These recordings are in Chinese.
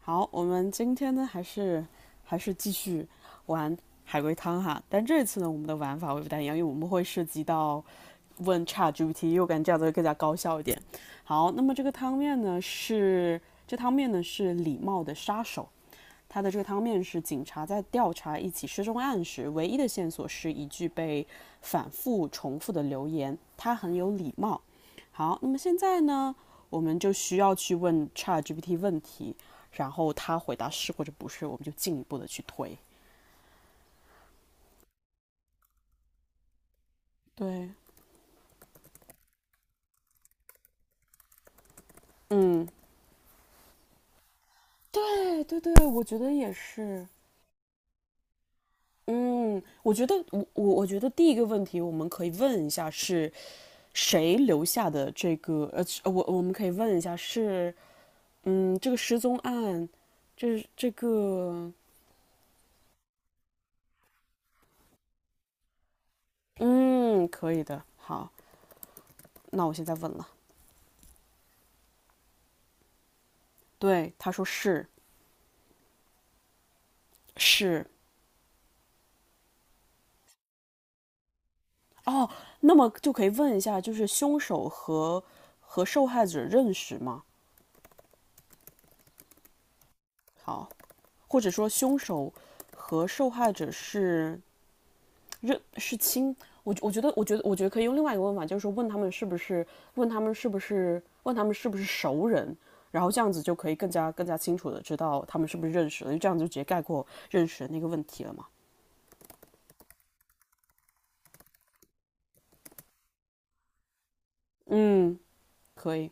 好，我们今天呢还是继续玩海龟汤哈，但这次呢我们的玩法会不太一样，因为我们会涉及到问 ChatGPT，又我感觉这样子会更加高效一点。好，那么这个汤面呢是这汤面呢是礼貌的杀手，他的这个汤面是警察在调查一起失踪案时，唯一的线索是一句被反复重复的留言。他很有礼貌。好，那么现在呢，我们就需要去问 ChatGPT 问题，然后他回答是或者不是，我们就进一步的去推。对，嗯，对对对，我觉得也是。嗯，我觉得我觉得第一个问题我们可以问一下是谁留下的这个我们可以问一下是嗯，这个失踪案，这这个，嗯，可以的。好，那我现在问了。对，他说是哦，那么就可以问一下，就是凶手和受害者认识吗？好，或者说凶手和受害者是认是亲，我觉得可以用另外一个问法，就是说问他们是不是熟人，然后这样子就可以更加清楚的知道他们是不是认识了，因为这样就直接概括认识的那个问题了嘛。嗯，可以，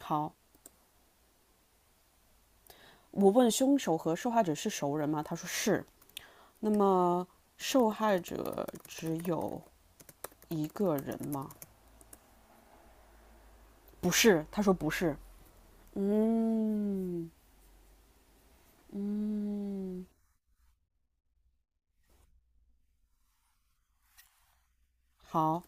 好，我问凶手和受害者是熟人吗？他说是。那么受害者只有一个人吗？不是，他说不是。嗯，嗯，好，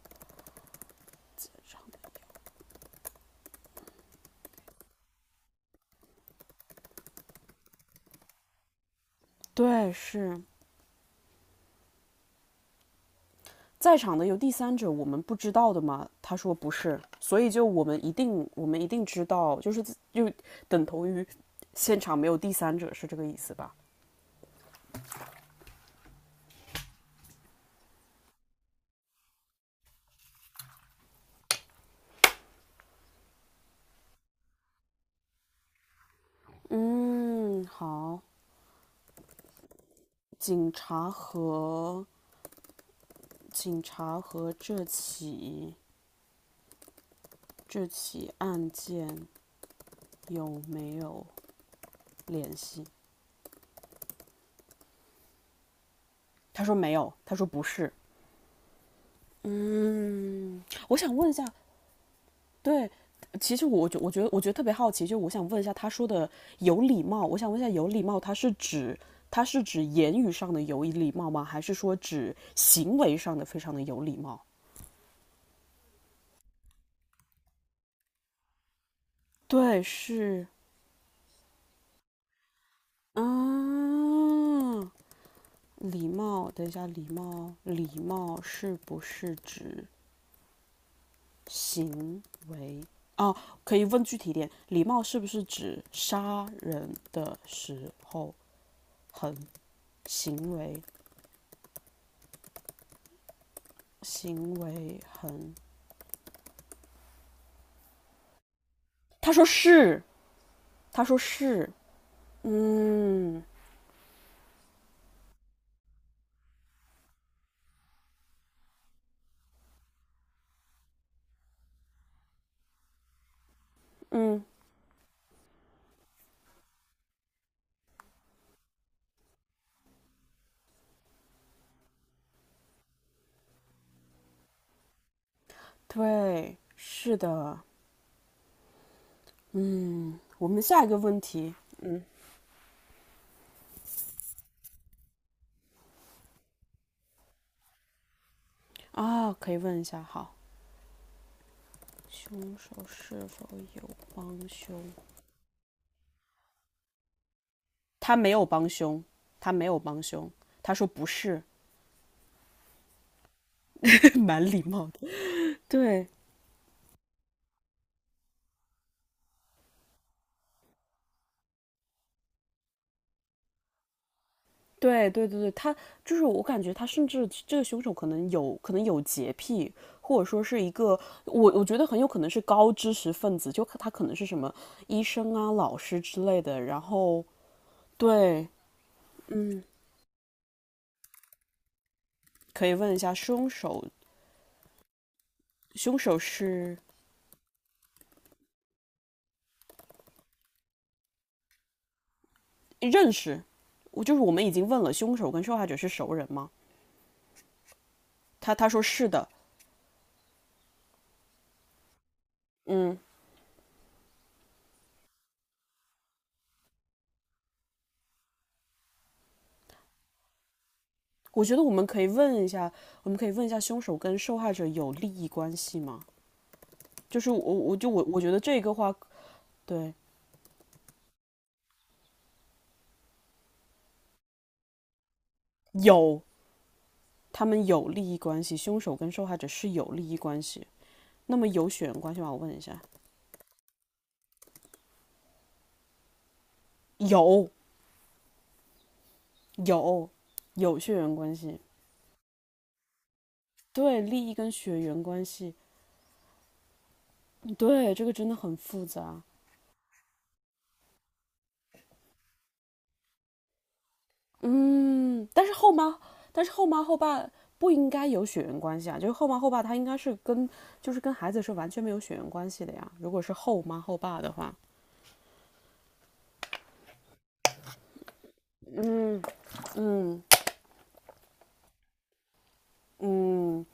对，是。在场的有第三者，我们不知道的吗？他说不是，所以就我们一定知道，就等同于现场没有第三者，是这个意思吧？嗯，好。警察和警察和这起案件有没有联系？他说没有，他说不是。我想问一下，对，其实我我觉得特别好奇，就我想问一下，他说的有礼貌，我想问一下，有礼貌，它是指言语上的有礼貌吗？还是说指行为上的非常的有礼貌？对，是，啊，礼貌。等一下，礼貌是不是指行为？哦，可以问具体点，礼貌是不是指杀人的时候很行为？行为很他说是，他说是，嗯，嗯，对，是的，嗯。我们下一个问题啊，可以问一下，好，凶手是否帮凶？他没有帮凶，他没有帮凶，他说不是，蛮礼貌的。对，对对对对，他就是我感觉他甚至这个凶手可能有洁癖，或者说是一个我觉得很有可能是高知识分子，就他可能是什么医生啊、老师之类的。然后对，嗯，可以问一下凶手，凶手是认识，我就是我们已经问了凶手跟受害者是熟人吗？他说是的，嗯，我觉得我们可以问一下，我们可以问一下凶手跟受害者有利益关系吗？就是我，我就我，我觉得这个话对，有他们有利益关系，凶手跟受害者是有利益关系。那么有血缘关系吗？我问一下，有有血缘关系，对，利益跟血缘关系，对，这个真的很复杂。嗯，但是后妈后爸不应该有血缘关系啊，就是后妈后爸他应该是跟孩子是完全没有血缘关系的呀。如果是后妈后爸的话，嗯，嗯，嗯，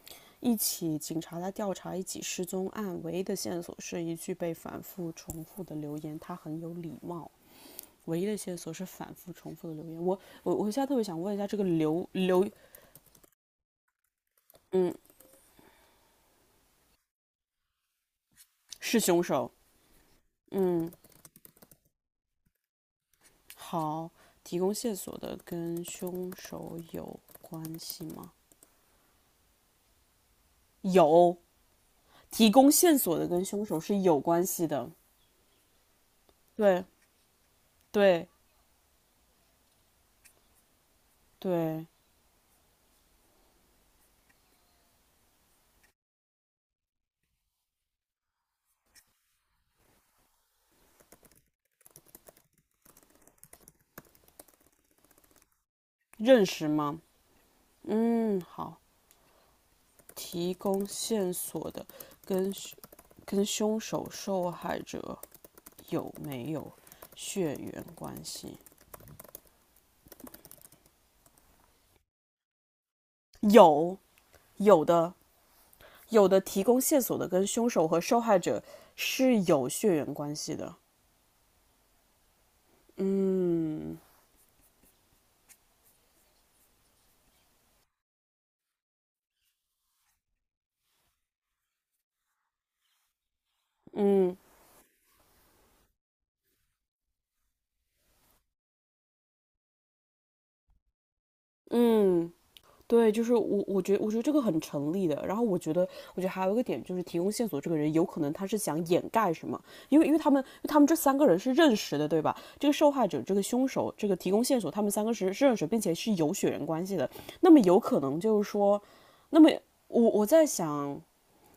一起警察在调查一起失踪案，唯一的线索是一句被反复重复的留言，他很有礼貌。唯一的线索是反复重复的留言。我现在特别想问一下，这个嗯，是凶手？嗯，好，提供线索的跟凶手有关系吗？有，提供线索的跟凶手是有关系的。对对对，认识吗？嗯，好，提供线索的跟跟凶手受害者有没有血缘关系？有，有的，有的提供线索的跟凶手和受害者是有血缘关系的。嗯，嗯，嗯，对，我觉得，我觉得这个很成立的。然后我觉得，我觉得还有一个点就是提供线索，这个人有可能他是想掩盖什么，因为他们这三个人是认识的，对吧？这个受害者、这个凶手、这个提供线索，他们三个是认识，并且是有血缘关系的。那么有可能就是说，那么我在想，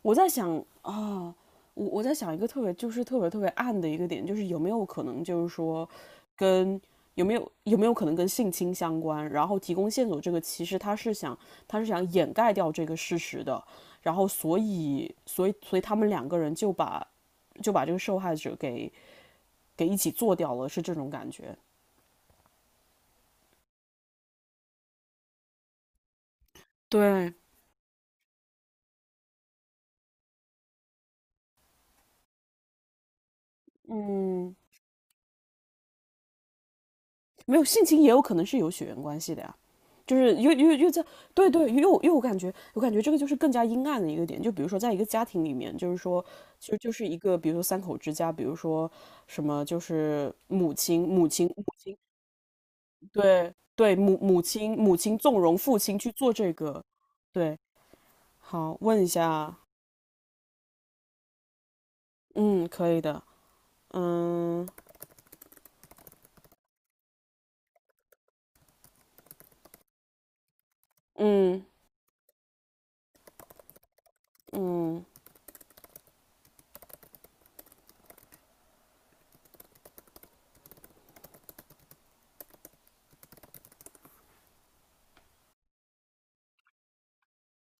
我在想啊，我在想一个特别特别暗的一个点，就是有没有可能就是说跟有没有可能跟性侵相关？然后提供线索这个其实他是想掩盖掉这个事实的，然后所以他们两个人就把这个受害者给一起做掉了，是这种感觉。对，嗯，没有性情也有可能是有血缘关系的呀，就是又又又在对对，我感觉这个就是更加阴暗的一个点，就比如说在一个家庭里面，就是说就是一个比如说三口之家，比如说什么就是母亲对对母亲纵容父亲去做这个，对，好问一下，嗯，可以的，嗯，嗯，嗯，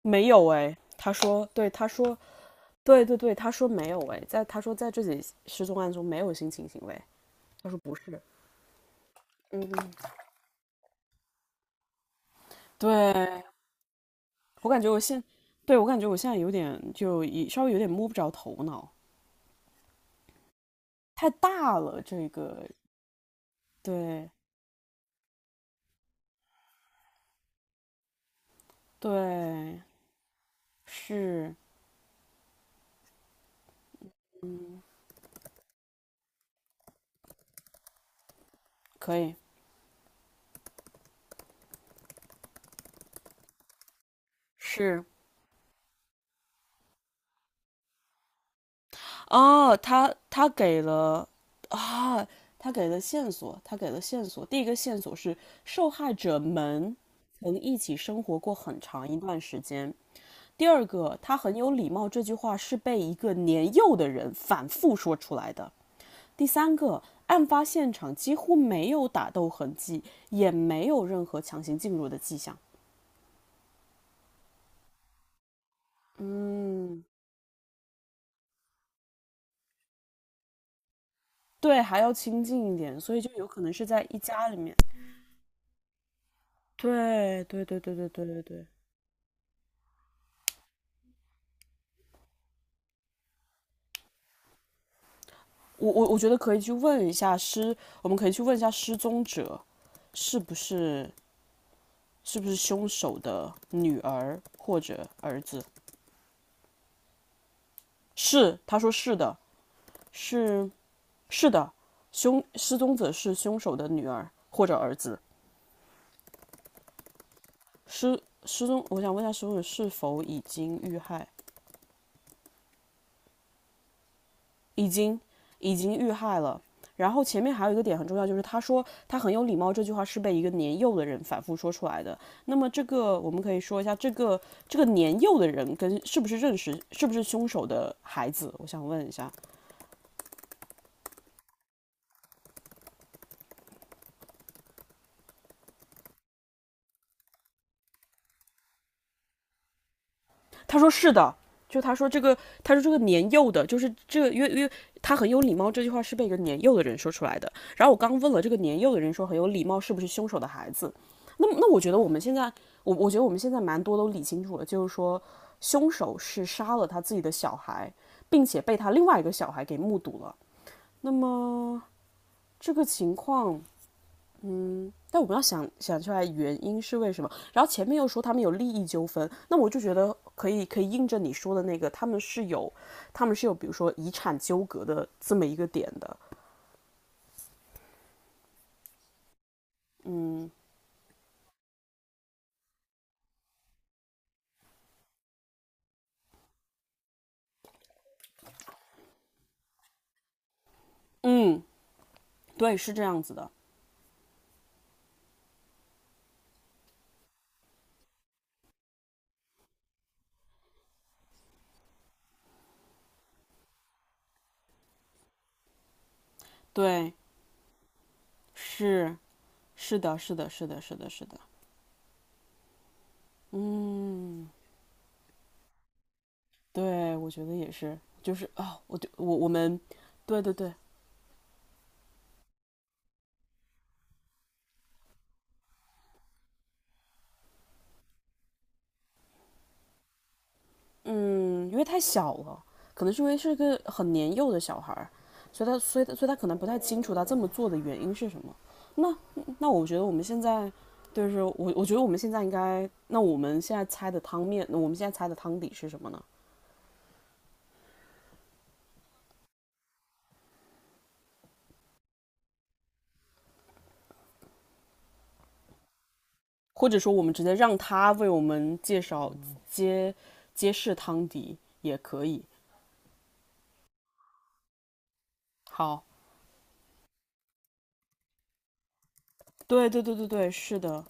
没有哎，他说对对对，他说没有哎，在他说在这起失踪案中没有性侵行为，他说不是。对，我感觉我现，对，我感觉我现在有点稍微有点摸不着头脑，太大了这个，对对是，嗯，可以是哦，他给了啊，他给了线索，他给了线索，第一个线索是受害者们曾一起生活过很长一段时间。第二个，他很有礼貌，这句话是被一个年幼的人反复说出来的。第三个，案发现场几乎没有打斗痕迹，也没有任何强行进入的迹象。嗯，对，还要亲近一点，所以就有可能是在一家里面。对，对，对，对，对，对，对，对。我觉得可以去问一下失，我们可以去问一下失踪者是不是是不是凶手的女儿或者儿子？是，他说是的，是是的，失踪者是凶手的女儿或者儿子。失失踪，我想问一下，失踪者是否已经遇害？已经，已经遇害了。然后前面还有一个点很重要，就是他说他很有礼貌这句话是被一个年幼的人反复说出来的。那么这个我们可以说一下，这个年幼的人跟是不是认识，是不是凶手的孩子？我想问一下。他说是的，就他说这个，他说这个年幼的，就是这个，因为他很有礼貌这句话是被一个年幼的人说出来的。然后我刚问了这个年幼的人说很有礼貌是不是凶手的孩子？那我觉得我们现在，我觉得我们现在蛮多都理清楚了，就是说凶手是杀了他自己的小孩，并且被他另外一个小孩给目睹了。那么这个情况，但我们要想想出来原因是为什么。然后前面又说他们有利益纠纷，那我就觉得可以印证你说的那个，他们是有比如说遗产纠葛的这么一个点的。嗯嗯，对，是这样子的。对，是是的，是的，是的，是的，是的。嗯，对，我觉得也是。就是啊、哦我就我我们，对对对。因为太小了，可能是因为是个很年幼的小孩儿，所以他可能不太清楚他这么做的原因是什么。那那我觉得我们现在，就是我我觉得我们现在应该，那我们现在猜的汤面，那我们现在猜的汤底是什么呢？或者说我们直接让他为我们介绍，揭揭示汤底也可以。好，对对对对对，是的。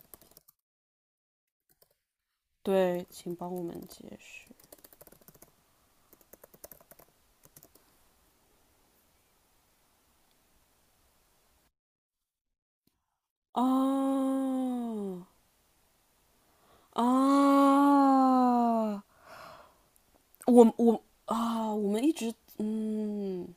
对，请帮我们解释。啊，啊！我我啊、哦我们一直，嗯，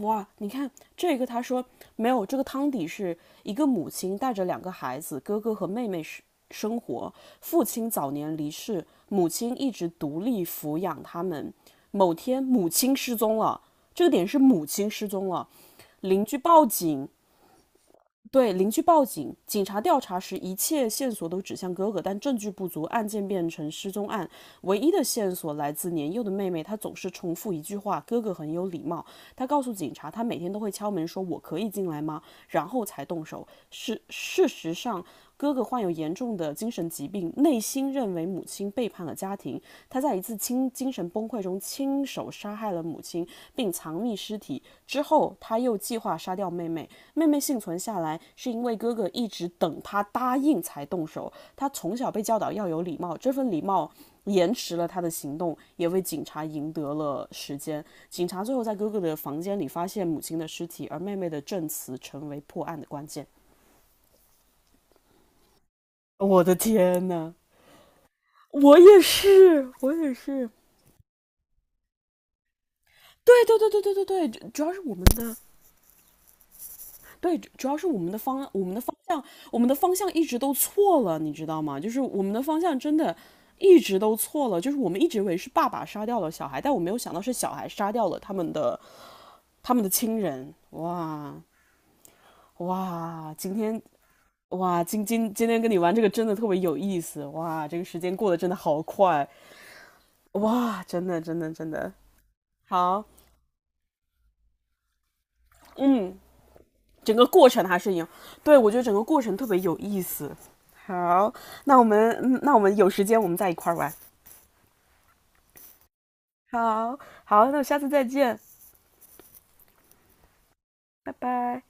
哇，你看这个他说。没有，这个汤底是一个母亲带着两个孩子哥哥和妹妹生活，父亲早年离世，母亲一直独立抚养他们。某天母亲失踪了，这个点是母亲失踪了，邻居报警，对，邻居报警。警察调查时，一切线索都指向哥哥，但证据不足，案件变成失踪案。唯一的线索来自年幼的妹妹，她总是重复一句话："哥哥很有礼貌。"她告诉警察，她每天都会敲门说："我可以进来吗？"然后才动手。事实上，哥哥患有严重的精神疾病，内心认为母亲背叛了家庭。他在一次亲近。精神崩溃中亲手杀害了母亲，并藏匿尸体。之后，他又计划杀掉妹妹。妹妹幸存下来，是因为哥哥一直等他答应才动手。他从小被教导要有礼貌，这份礼貌延迟了他的行动，也为警察赢得了时间。警察最后在哥哥的房间里发现母亲的尸体，而妹妹的证词成为破案的关键。我的天呐，我也是，我也是。对对对对对对对，主要是我们的，对，主要是我们的方，案，我们的方向，我们的方向一直都错了，你知道吗？就是我们的方向真的一直都错了，就是我们一直以为是爸爸杀掉了小孩，但我没有想到是小孩杀掉了他们的亲人。哇，哇，今天，哇,今天跟你玩这个真的特别有意思。哇，这个时间过得真的好快。哇，真的真的真的好。嗯，整个过程还是一样，对，我觉得整个过程特别有意思。好，那我们，嗯，那我们有时间我们再一块玩。好，好，那我下次再见，拜拜。